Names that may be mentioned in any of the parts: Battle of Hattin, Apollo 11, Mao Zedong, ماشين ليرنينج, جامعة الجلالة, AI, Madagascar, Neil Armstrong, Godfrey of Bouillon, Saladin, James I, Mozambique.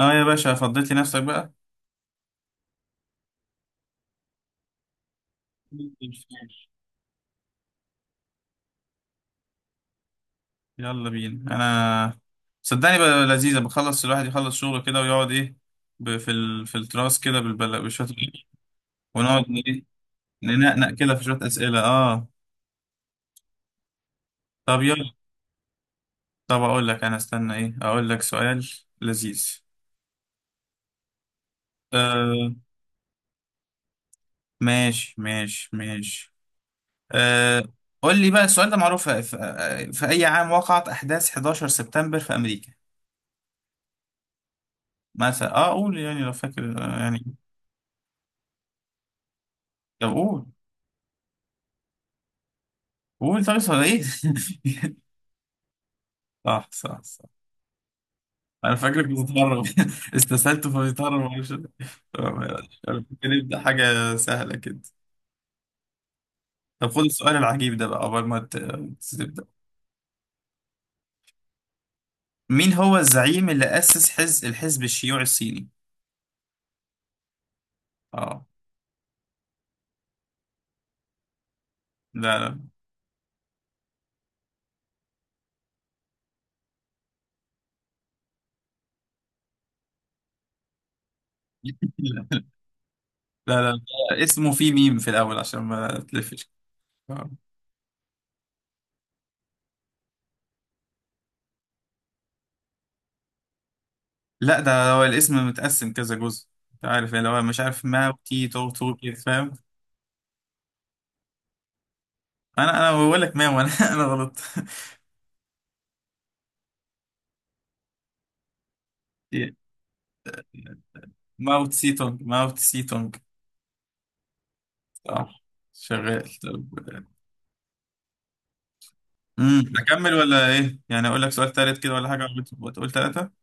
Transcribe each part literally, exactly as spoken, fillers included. اه يا باشا فضيت لي نفسك بقى. يلا بينا. انا صدقني بقى لذيذه، بخلص الواحد يخلص شغله كده ويقعد ايه، ب- في ال... في التراس كده بالبلا بشويه، ونقعد ايه، ننقنق كده في شويه اسئله. اه طب يلا. طب اقول لك، انا استنى ايه، اقول لك سؤال لذيذ. آه ماشي ماشي ماشي. آه قول لي بقى، السؤال ده معروف. في, في, في اي عام وقعت احداث 11 سبتمبر في امريكا؟ مثلا اه قول، يعني لو فاكر، آه، يعني طب قول، قول طيب صار ايه. صح صح صح. انا فاكرك بتتهرب. استسهلته فبيتهرب، معرفش. طب يلا، يلا، نبدا حاجه سهله كده. طب خد السؤال العجيب ده بقى قبل ما ت- تبدا. مين هو الزعيم اللي اسس حزب الحزب الشيوعي الصيني؟ اه. لا لا. لا لا لا. اسمه فيه ميم في الاول عشان ما تلفش. آه. لا، ده هو الاسم متقسم كذا جزء. انت عارف يعني، لو أنا مش عارف، ما وتي تو تو كده، فاهم. انا انا بقول لك ما وانا انا غلط. ماوت سيتونج، ماوت سيتونج. صح، شغال. طب امم اكمل ولا ايه؟ يعني اقول لك سؤال تالت كده ولا حاجه، ولا تقول تلاته؟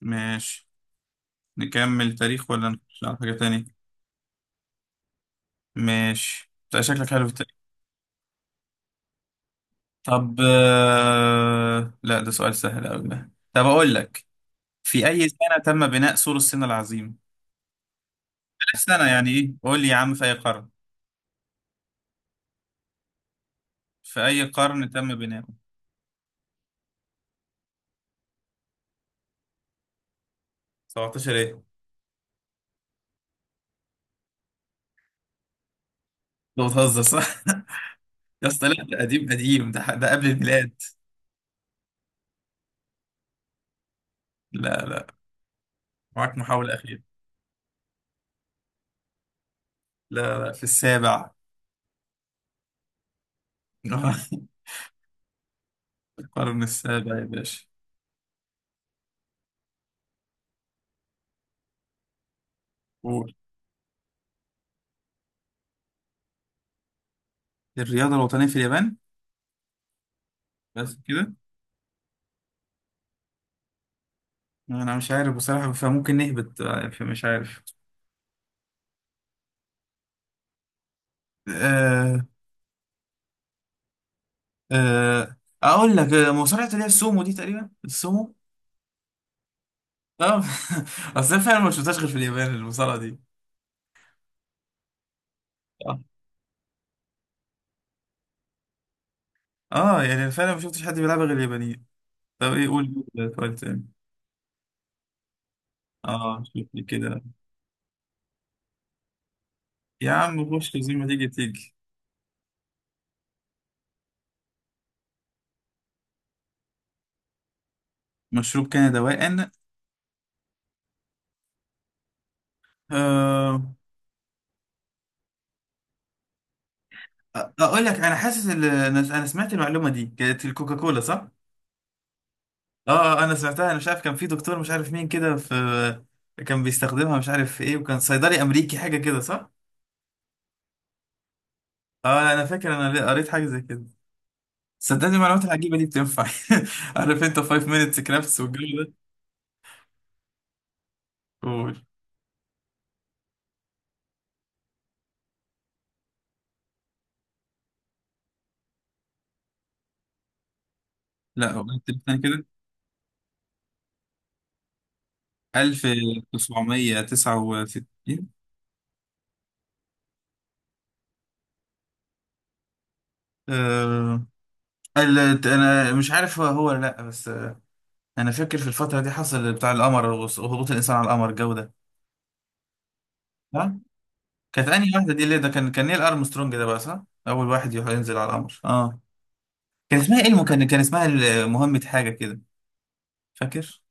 ماشي. نكمل تاريخ ولا نخش على حاجه تانية؟ ماشي، انت شكلك حلو في التاريخ. طب آه، لا ده سؤال سهل قوي ده، طب اقول لك. في اي سنه تم بناء سور الصين العظيم؟ سنه يعني ايه، قول لي يا عم، في اي قرن. في اي قرن تم بناؤه؟ سبعتاشر ايه؟ انت بتهزر صح؟ يا اسطى لا، ده قديم قديم، ده ده قبل الميلاد. لا لا، معاك محاولة أخيرة. لا لا، في السابع. القرن السابع يا باشا. قول. الرياضة الوطنية في اليابان؟ بس كده؟ أنا مش عارف بصراحة، فممكن نهبط بقى، فمش عارف. أه. أه. أقول لك، آه، مصارعة اللي هي السومو دي، تقريبا السومو. أه. أصل أنا فعلا ما شفتهاش غير في اليابان، المصارعة دي. أه. آه، يعني أنا فعلا ما شفتش حد بيلعبها غير اليابانيين. طب إيه قول. سؤال تاني. أه شوف لي كده. يا عم خش زي ما تيجي تيجي. مشروب كان دواء؟ أه. اقول لك، انا حاسس ال- انا أنا سمعت المعلومه دي، كانت الكوكاكولا صح؟ اه. آه، انا سمعتها، انا مش عارف، كان في دكتور مش عارف مين كده، في كان بيستخدمها مش عارف في ايه، وكان صيدلي امريكي حاجه كده صح؟ اه انا فاكر انا قريت حاجه زي كده. صدقني المعلومات العجيبه دي بتنفع. عارف انت فايف minutes crafts والجو ده. قول. لا هو انت تاني كده. ألف وتسعمية وتسعة وستين. أه... ال- انا مش عارف هو هو ولا لا، بس انا فاكر في الفتره دي حصل بتاع القمر وهبوط الانسان على القمر الجو ده. صح. كانت انهي واحده دي اللي ده، كان كان نيل ارمسترونج ده بقى صح، اول واحد يروح ينزل على القمر اه. كان اسمها ايه المكان، كان كان اسمها ال- مهمه حاجه كده، فاكر.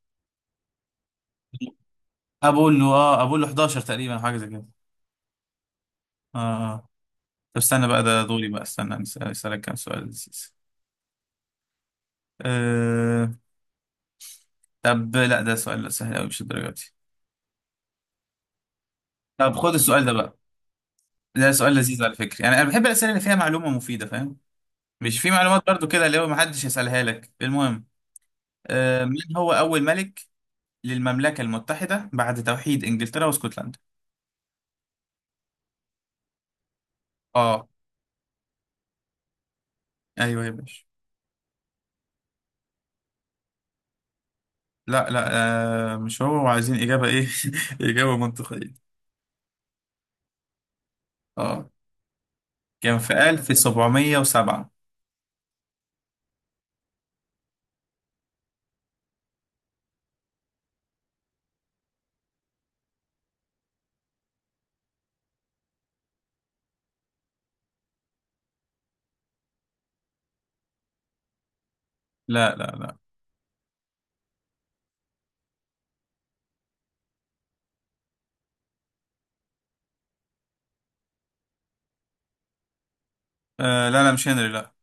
ابولو، اه ابولو حداشر تقريبا، حاجه زي كده. اه. اه. طب استنى بقى، ده دوري بقى، استنى أسأل- اسالك كام سؤال لذيذ. آه... طب لا ده سؤال سهل قوي، مش الدرجه دي. طب خد السؤال ده بقى. ده سؤال لذيذ على فكره، يعني انا بحب الاسئله اللي فيها معلومه مفيده فاهم، مش في معلومات برضو كده اللي هو محدش يسألها لك، المهم. آه، مين هو أول ملك للمملكة المتحدة بعد توحيد إنجلترا واسكتلندا؟ اه. ايوه يا باشا. لا لا. آه مش هو، وعايزين إجابة ايه. إجابة منطقية. اه كان في ألف وسبعمية وسبعة. لا لا لا. آه لا لا، مش هنري لا.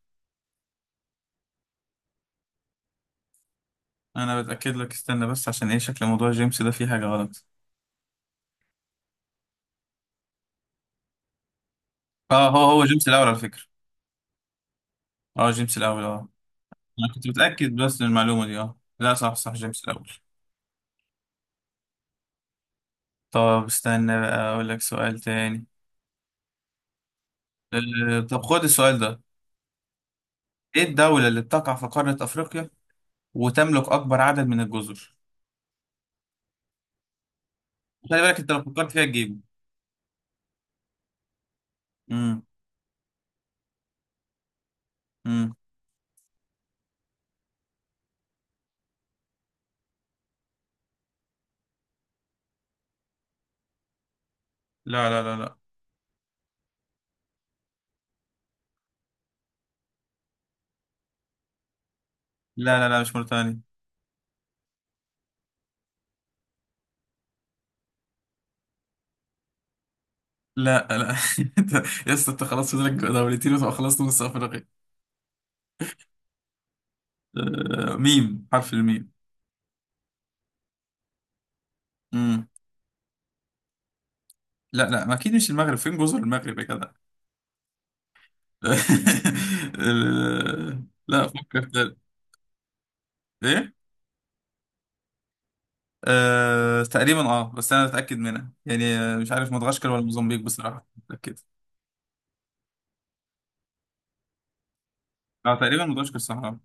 انا بتأكد لك استنى بس، عشان ايه شكل موضوع جيمس ده فيه حاجة غلط. اه، هو هو جيمس الأول على فكرة. اه جيمس الأول اه. انا كنت متأكد بس من المعلومة دي، اه لا صح صح، جيمس الأول. طب استنى بقى، أقول لك سؤال تاني. ال- طب خد السؤال ده. إيه الدولة اللي بتقع في قارة أفريقيا وتملك أكبر عدد من الجزر؟ خلي بالك أنت لو فكرت فيها تجيبه. امم. امم. لا لا لا لا. لا لا لا مش موريتانيا. لا لا. أنت- يا اسطى أنت خلاص فاضلك دولتين وتبقى خلصت نص أفريقيا. آه، ميم، حرف الميم. امم. لا لا، ما أكيد مش المغرب، فين جزر المغرب يا جدع؟ ال- لا فكر تاني. إيه؟ أه تقريبا، اه بس انا متاكد منها يعني، آه، مش عارف مدغشقر ولا موزمبيق بصراحه، مش متاكد. اه تقريبا مدغشقر صح. آه.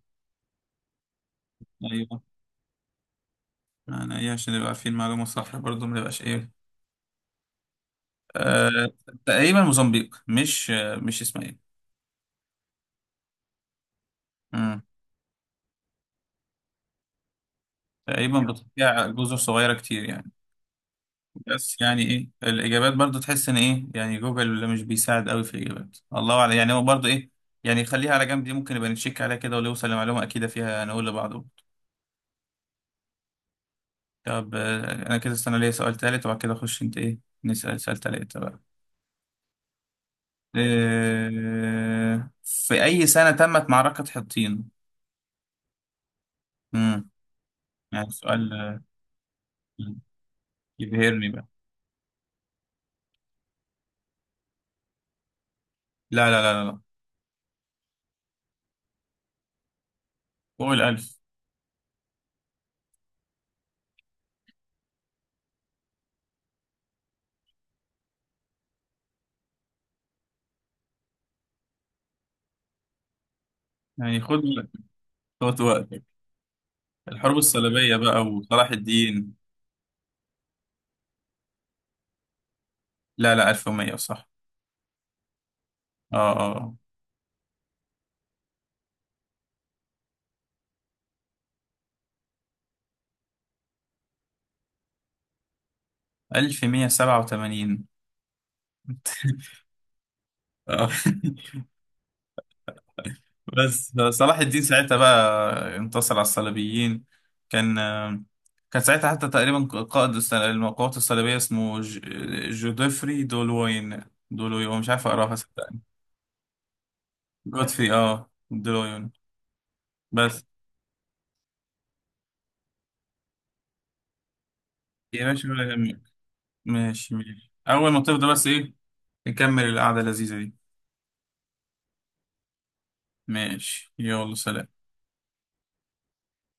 ايوه. انا ايه، عشان نبقى عارفين معلومه صح برضه ما نبقاش ايه. أه. تقريبا موزمبيق مش، آه، مش اسمها ايه. مم. تقريبا بتضيع جزر صغيره كتير يعني. بس يعني ايه، الاجابات برضه تحس ان ايه، يعني جوجل مش بيساعد قوي في الاجابات، الله اعلم، يعني هو برضه ايه. يعني خليها على جنب دي، ممكن نبقى نتشيك عليها كده، ولو وصل لمعلومه اكيده فيها نقول لبعض. طب آه، انا كده استنى ليا سؤال تالت، وبعد كده اخش انت ايه، نسأل سؤال تالت بقى. آه، في اي سنة تمت معركة حطين؟ امم يعني سؤال آه، يبهرني بقى. لا لا لا لا، فوق الالف. يعني خد، خد وقتك. الحروب الصليبية بقى وصلاح الدين. لا لا، ألف ومية صح. اه اه. ألف ومية سبعة وثمانين. اه. بس صلاح الدين ساعتها بقى انتصر على الصليبيين. كان، كان ساعتها حتى تقريبا قائد الس- القوات الصليبية اسمه ج- جودفري دولوين. دولوين مش عارف اقراها صدقني. جودفري اه دولوين. بس. يا باشا ولا يهمك. ماشي ماشي، اول ما تفضى بس ايه. نكمل القعدة اللذيذة دي. ماشي يلا سلام.